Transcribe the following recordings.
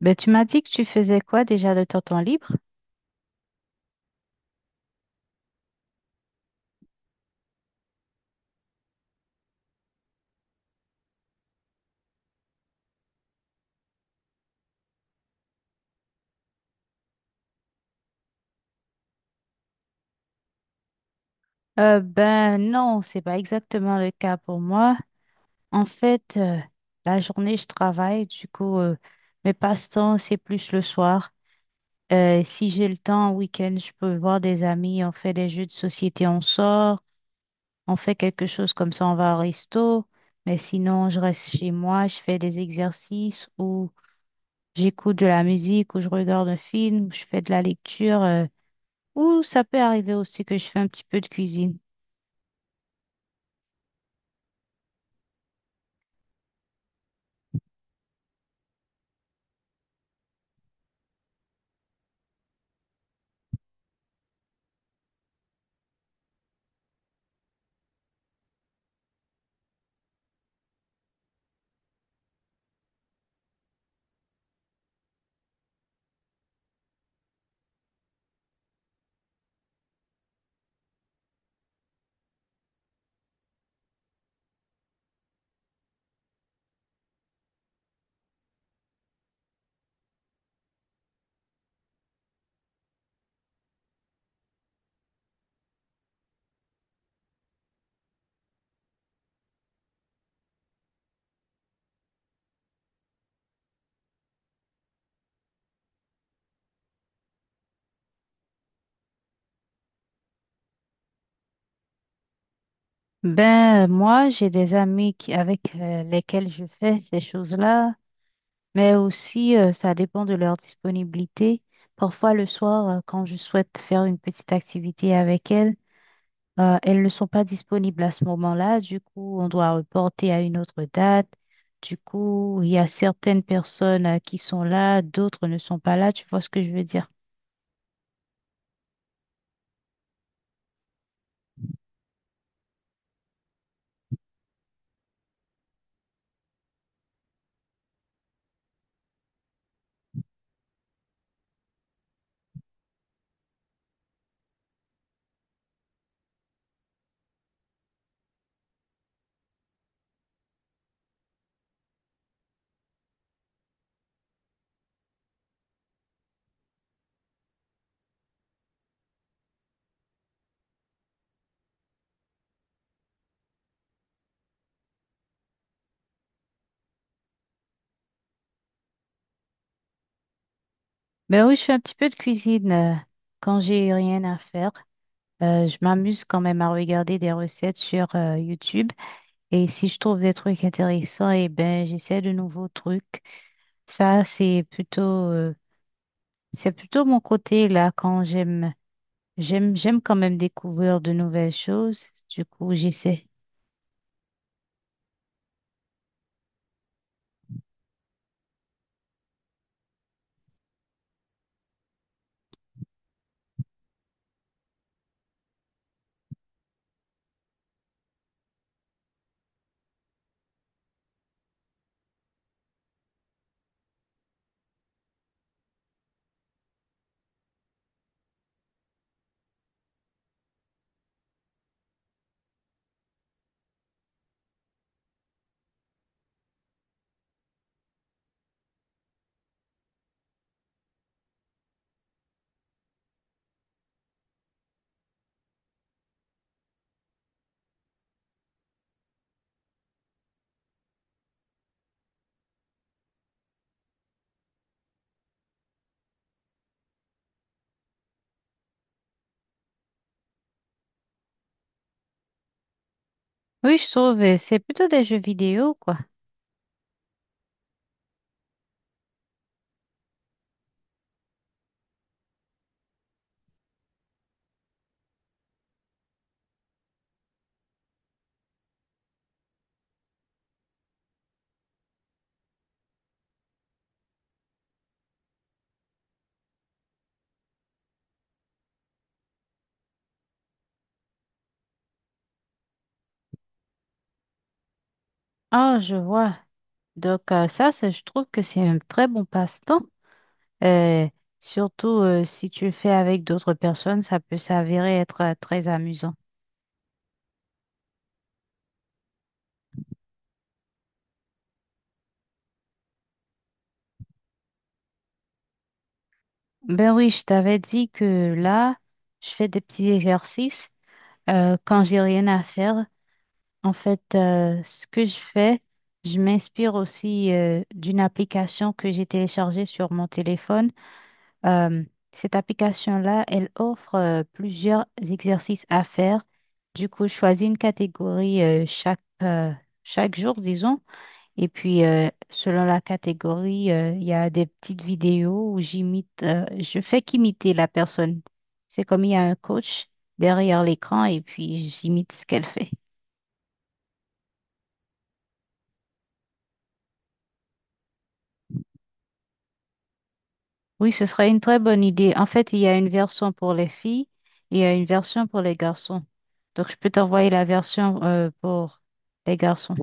Ben, tu m'as dit que tu faisais quoi déjà de ton temps libre? Ben non, c'est pas exactement le cas pour moi. En fait, la journée, je travaille, du coup, mes passe-temps, c'est plus le soir. Si j'ai le temps, en week-end, je peux voir des amis, on fait des jeux de société, on sort. On fait quelque chose comme ça, on va au resto, mais sinon, je reste chez moi, je fais des exercices ou j'écoute de la musique ou je regarde un film, ou je fais de la lecture, ou ça peut arriver aussi que je fais un petit peu de cuisine. Moi, j'ai des amis qui, avec lesquels je fais ces choses-là, mais aussi, ça dépend de leur disponibilité. Parfois, le soir, quand je souhaite faire une petite activité avec elles, elles ne sont pas disponibles à ce moment-là, du coup, on doit reporter à une autre date. Du coup, il y a certaines personnes qui sont là, d'autres ne sont pas là, tu vois ce que je veux dire. Ben oui, je fais un petit peu de cuisine quand j'ai rien à faire. Je m'amuse quand même à regarder des recettes sur YouTube. Et si je trouve des trucs intéressants, eh ben, j'essaie de nouveaux trucs. Ça, c'est plutôt mon côté là quand j'aime. J'aime quand même découvrir de nouvelles choses. Du coup, j'essaie. Oui, je trouve, c'est plutôt des jeux vidéo, quoi. Ah, je vois. Donc, ça, je trouve que c'est un très bon passe-temps. Euh, surtout si tu le fais avec d'autres personnes, ça peut s'avérer être très amusant. Ben oui, je t'avais dit que là, je fais des petits exercices quand j'ai rien à faire. En fait, ce que je fais, je m'inspire aussi d'une application que j'ai téléchargée sur mon téléphone. Euh, cette application-là, elle offre plusieurs exercices à faire. Du coup, je choisis une catégorie chaque jour, disons. Et puis, selon la catégorie, il y a des petites vidéos où je fais qu'imiter la personne. C'est comme il y a un coach derrière l'écran et puis j'imite ce qu'elle fait. Oui, ce serait une très bonne idée. En fait, il y a une version pour les filles et il y a une version pour les garçons. Donc, je peux t'envoyer la version pour les garçons.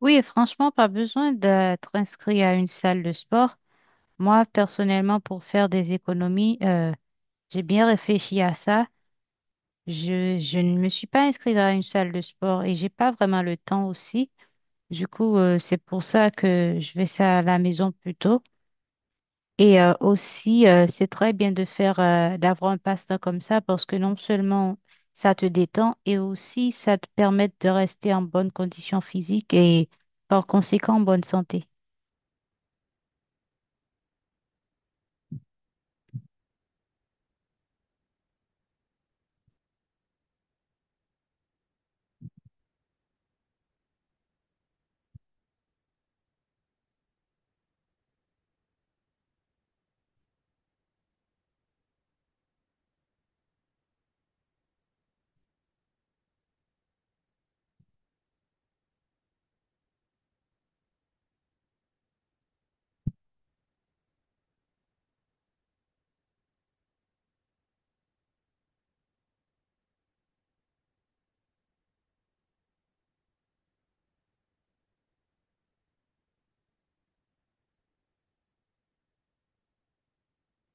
Oui, et franchement, pas besoin d'être inscrit à une salle de sport. Moi, personnellement, pour faire des économies, j'ai bien réfléchi à ça. Je ne me suis pas inscrite à une salle de sport et j'ai pas vraiment le temps aussi. Du coup, c'est pour ça que je vais ça à la maison plutôt. Et c'est très bien de d'avoir un passe-temps comme ça parce que non seulement ça te détend et aussi ça te permet de rester en bonne condition physique et par conséquent en bonne santé.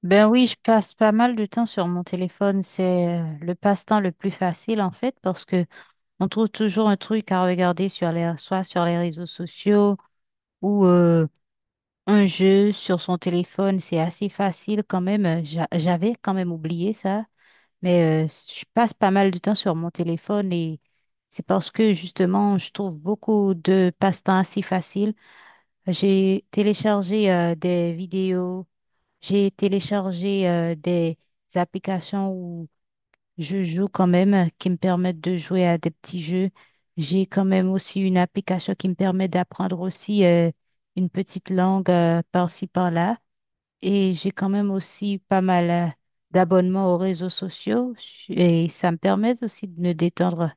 Ben oui, je passe pas mal de temps sur mon téléphone. C'est le passe-temps le plus facile en fait parce que On trouve toujours un truc à regarder sur les, soit sur les réseaux sociaux ou un jeu sur son téléphone. C'est assez facile quand même. J'avais quand même oublié ça, mais je passe pas mal de temps sur mon téléphone et c'est parce que justement, je trouve beaucoup de passe-temps assez faciles. J'ai téléchargé des vidéos, j'ai téléchargé des applications je joue quand même, qui me permettent de jouer à des petits jeux. J'ai quand même aussi une application qui me permet d'apprendre aussi une petite langue par-ci, par-là. Et j'ai quand même aussi pas mal d'abonnements aux réseaux sociaux et ça me permet aussi de me détendre.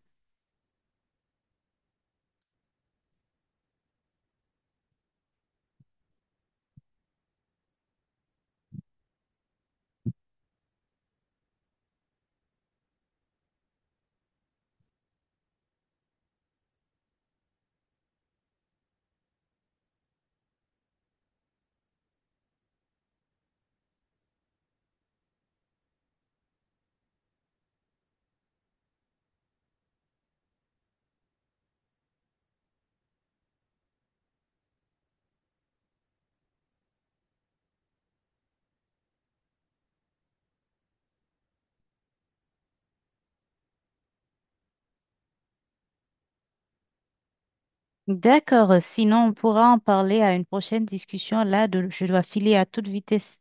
D'accord, sinon on pourra en parler à une prochaine discussion. Là, je dois filer à toute vitesse.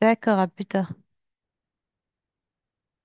D'accord, à plus tard.